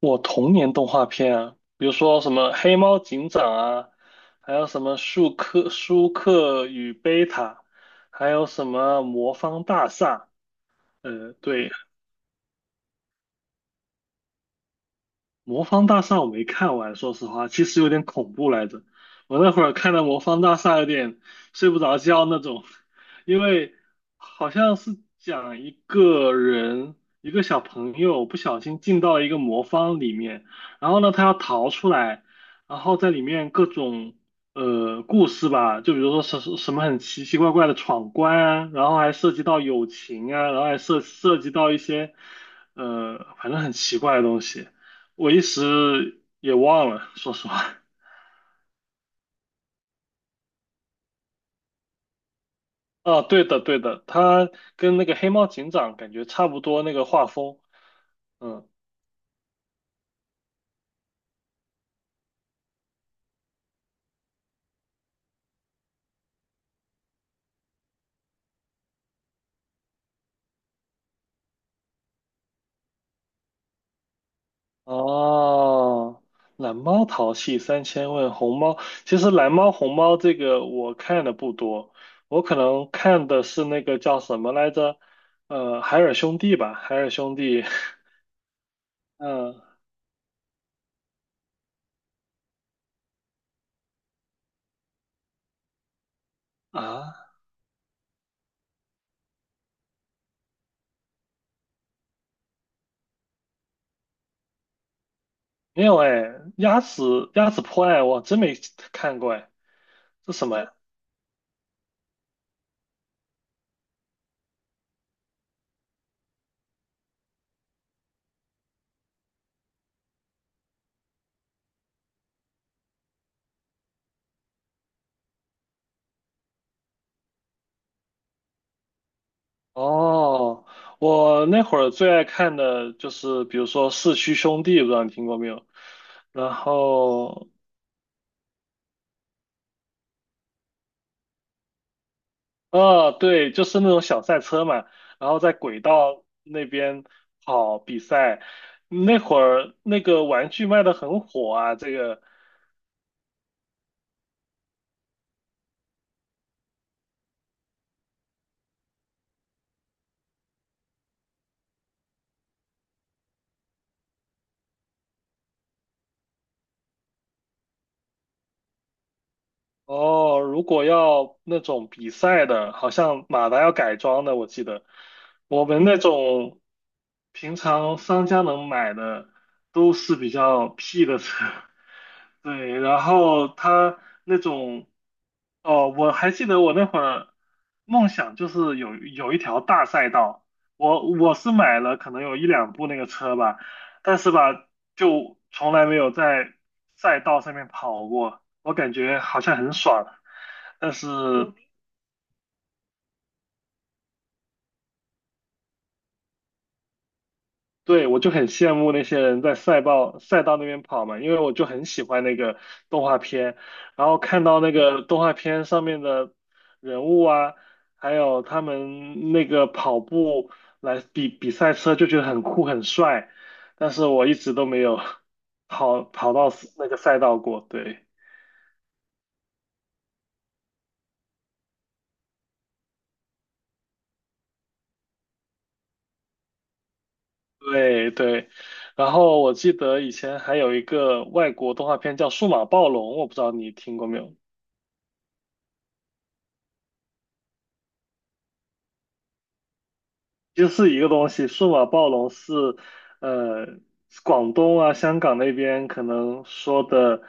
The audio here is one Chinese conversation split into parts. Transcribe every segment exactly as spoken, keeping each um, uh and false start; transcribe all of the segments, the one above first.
我童年动画片啊，比如说什么《黑猫警长》啊，还有什么《舒克舒克与贝塔》，还有什么《魔方大厦》。呃，对，魔方大厦我没看完，说实话，其实有点恐怖来着。我那会儿看的魔方大厦有点睡不着觉那种。因为好像是讲一个人，一个小朋友不小心进到一个魔方里面，然后呢他要逃出来，然后在里面各种呃故事吧，就比如说什什什么很奇奇怪怪的闯关啊，然后还涉及到友情啊，然后还涉涉及到一些呃反正很奇怪的东西。我一时也忘了，说实话。啊，对的，对的，他跟那个黑猫警长感觉差不多那个画风。嗯，哦，蓝猫淘气三千问，红猫，其实蓝猫红猫这个我看的不多，我可能看的是那个叫什么来着？呃，海尔兄弟吧，海尔兄弟。嗯啊，没有哎，鸭子鸭子破案我真没看过哎，这什么呀？哦，我那会儿最爱看的就是，比如说《四驱兄弟》，不知道你听过没有？然后，啊，对，就是那种小赛车嘛，然后在轨道那边跑比赛。那会儿那个玩具卖的很火啊。这个哦，如果要那种比赛的，好像马达要改装的，我记得我们那种平常商家能买的都是比较屁的车。对，然后他那种，哦，我还记得我那会儿梦想就是有有一条大赛道，我我是买了可能有一两部那个车吧，但是吧，就从来没有在赛道上面跑过，我感觉好像很爽。但是嗯对，我就很羡慕那些人在赛道赛道那边跑嘛，因为我就很喜欢那个动画片，然后看到那个动画片上面的人物啊，还有他们那个跑步来比比赛车，就觉得很酷很帅，但是我一直都没有跑跑到那个赛道过。对对对，然后我记得以前还有一个外国动画片叫《数码暴龙》，我不知道你听过没有。就是一个东西，数码暴龙是，呃，广东啊、香港那边可能说的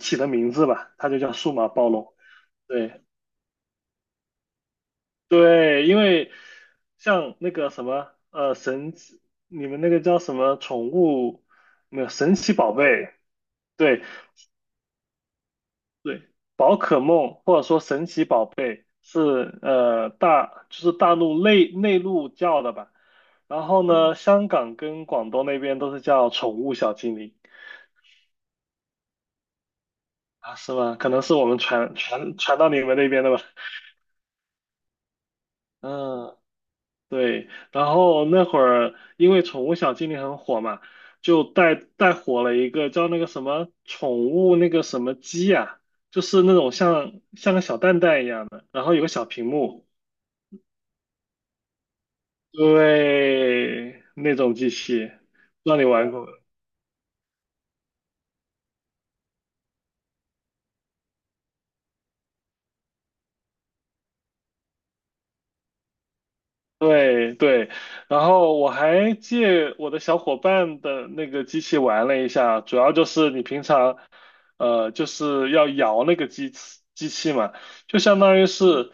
起的名字吧，它就叫数码暴龙。对对，因为像那个什么，呃，神奇，你们那个叫什么宠物，没有神奇宝贝。对，对，宝可梦或者说神奇宝贝是呃大就是大陆内内陆叫的吧。然后嗯呢，香港跟广东那边都是叫宠物小精灵。啊，是吗？可能是我们传传传到你们那边的吧。嗯，对。然后那会儿因为宠物小精灵很火嘛，就带带火了一个叫那个什么宠物那个什么鸡呀、就是那种像像个小蛋蛋一样的，然后有个小屏幕。对，那种机器，不知道你玩过。对对，然后我还借我的小伙伴的那个机器玩了一下，主要就是你平常，呃，就是要摇那个机器机器嘛，就相当于是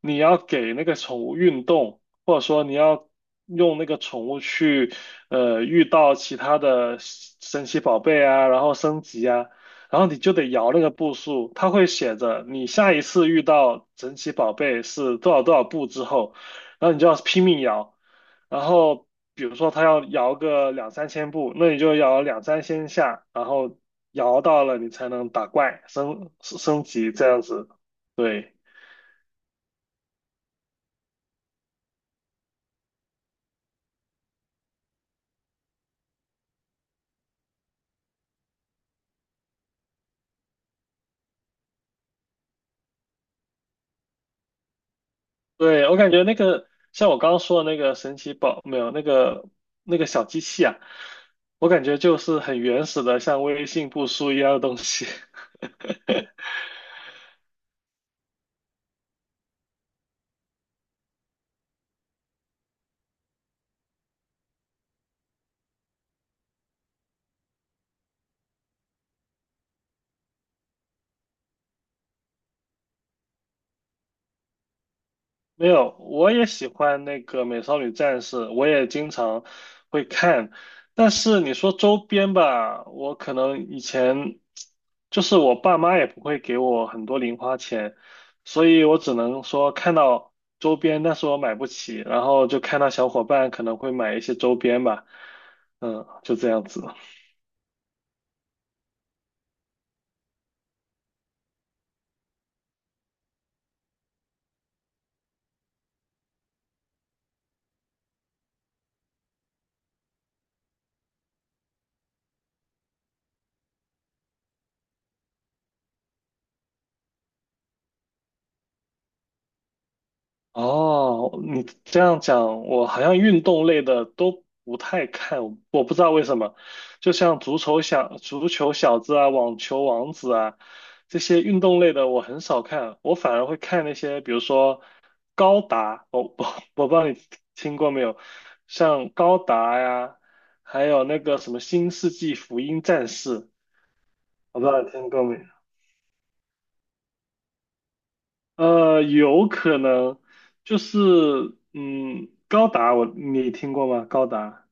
你要给那个宠物运动，或者说你要用那个宠物去，呃，遇到其他的神奇宝贝啊，然后升级啊，然后你就得摇那个步数，它会写着你下一次遇到神奇宝贝是多少多少步之后。然后你就要拼命摇，然后比如说他要摇个两三千步，那你就摇两三千下，然后摇到了你才能打怪升升级这样子。对对，我感觉那个像我刚刚说的那个神奇宝没有那个那个小机器啊，我感觉就是很原始的像微信步数一样的东西。没有，我也喜欢那个《美少女战士》，我也经常会看。但是你说周边吧，我可能以前就是我爸妈也不会给我很多零花钱，所以我只能说看到周边，但是我买不起，然后就看到小伙伴可能会买一些周边吧，嗯，就这样子。哦，你这样讲，我好像运动类的都不太看，我不知道为什么。就像足球小足球小子啊、网球王子啊这些运动类的，我很少看，我反而会看那些，比如说高达，我我我不知道你听过没有，像高达呀，还有那个什么《新世纪福音战士》，我不知道你听过没？呃，有可能就是嗯，高达我你听过吗？高达，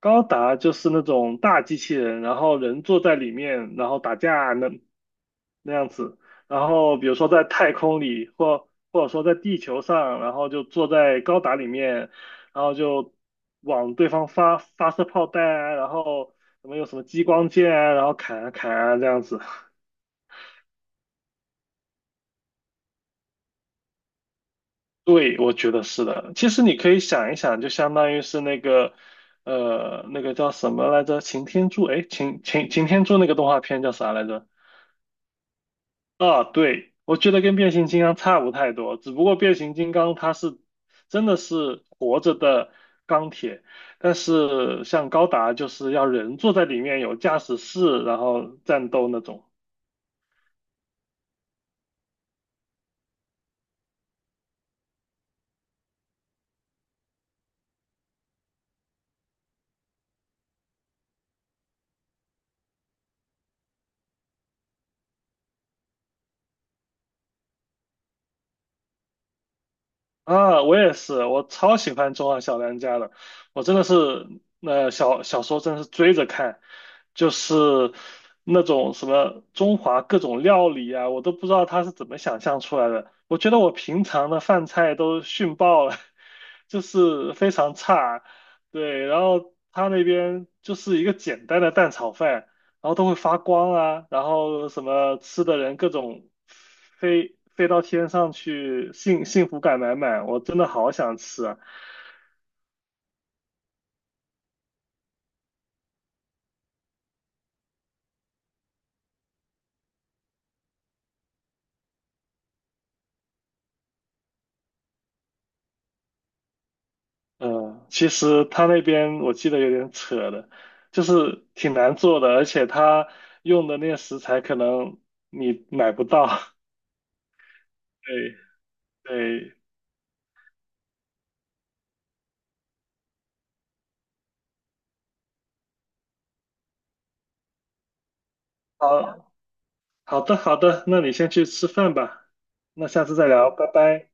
高达就是那种大机器人，然后人坐在里面，然后打架那那样子。然后比如说在太空里，或或者说在地球上，然后就坐在高达里面，然后就往对方发发射炮弹啊，然后什么有什么激光剑啊，然后砍啊砍啊这样子。对，我觉得是的。其实你可以想一想，就相当于是那个，呃，那个叫什么来着？擎天柱，哎，擎擎擎天柱那个动画片叫啥来着？啊，对，我觉得跟变形金刚差不太多，只不过变形金刚它是真的是活着的钢铁，但是像高达就是要人坐在里面有驾驶室，然后战斗那种。啊，我也是，我超喜欢《中华小当家》的，我真的是，呃，小小时候真的是追着看，就是那种什么中华各种料理啊，我都不知道他是怎么想象出来的。我觉得我平常的饭菜都逊爆了，就是非常差。对，然后他那边就是一个简单的蛋炒饭，然后都会发光啊，然后什么吃的人各种飞飞到天上去，幸幸福感满满，我真的好想吃啊。嗯，其实他那边我记得有点扯的，就是挺难做的，而且他用的那些食材可能你买不到。对对，好，好的好的，那你先去吃饭吧，那下次再聊，拜拜。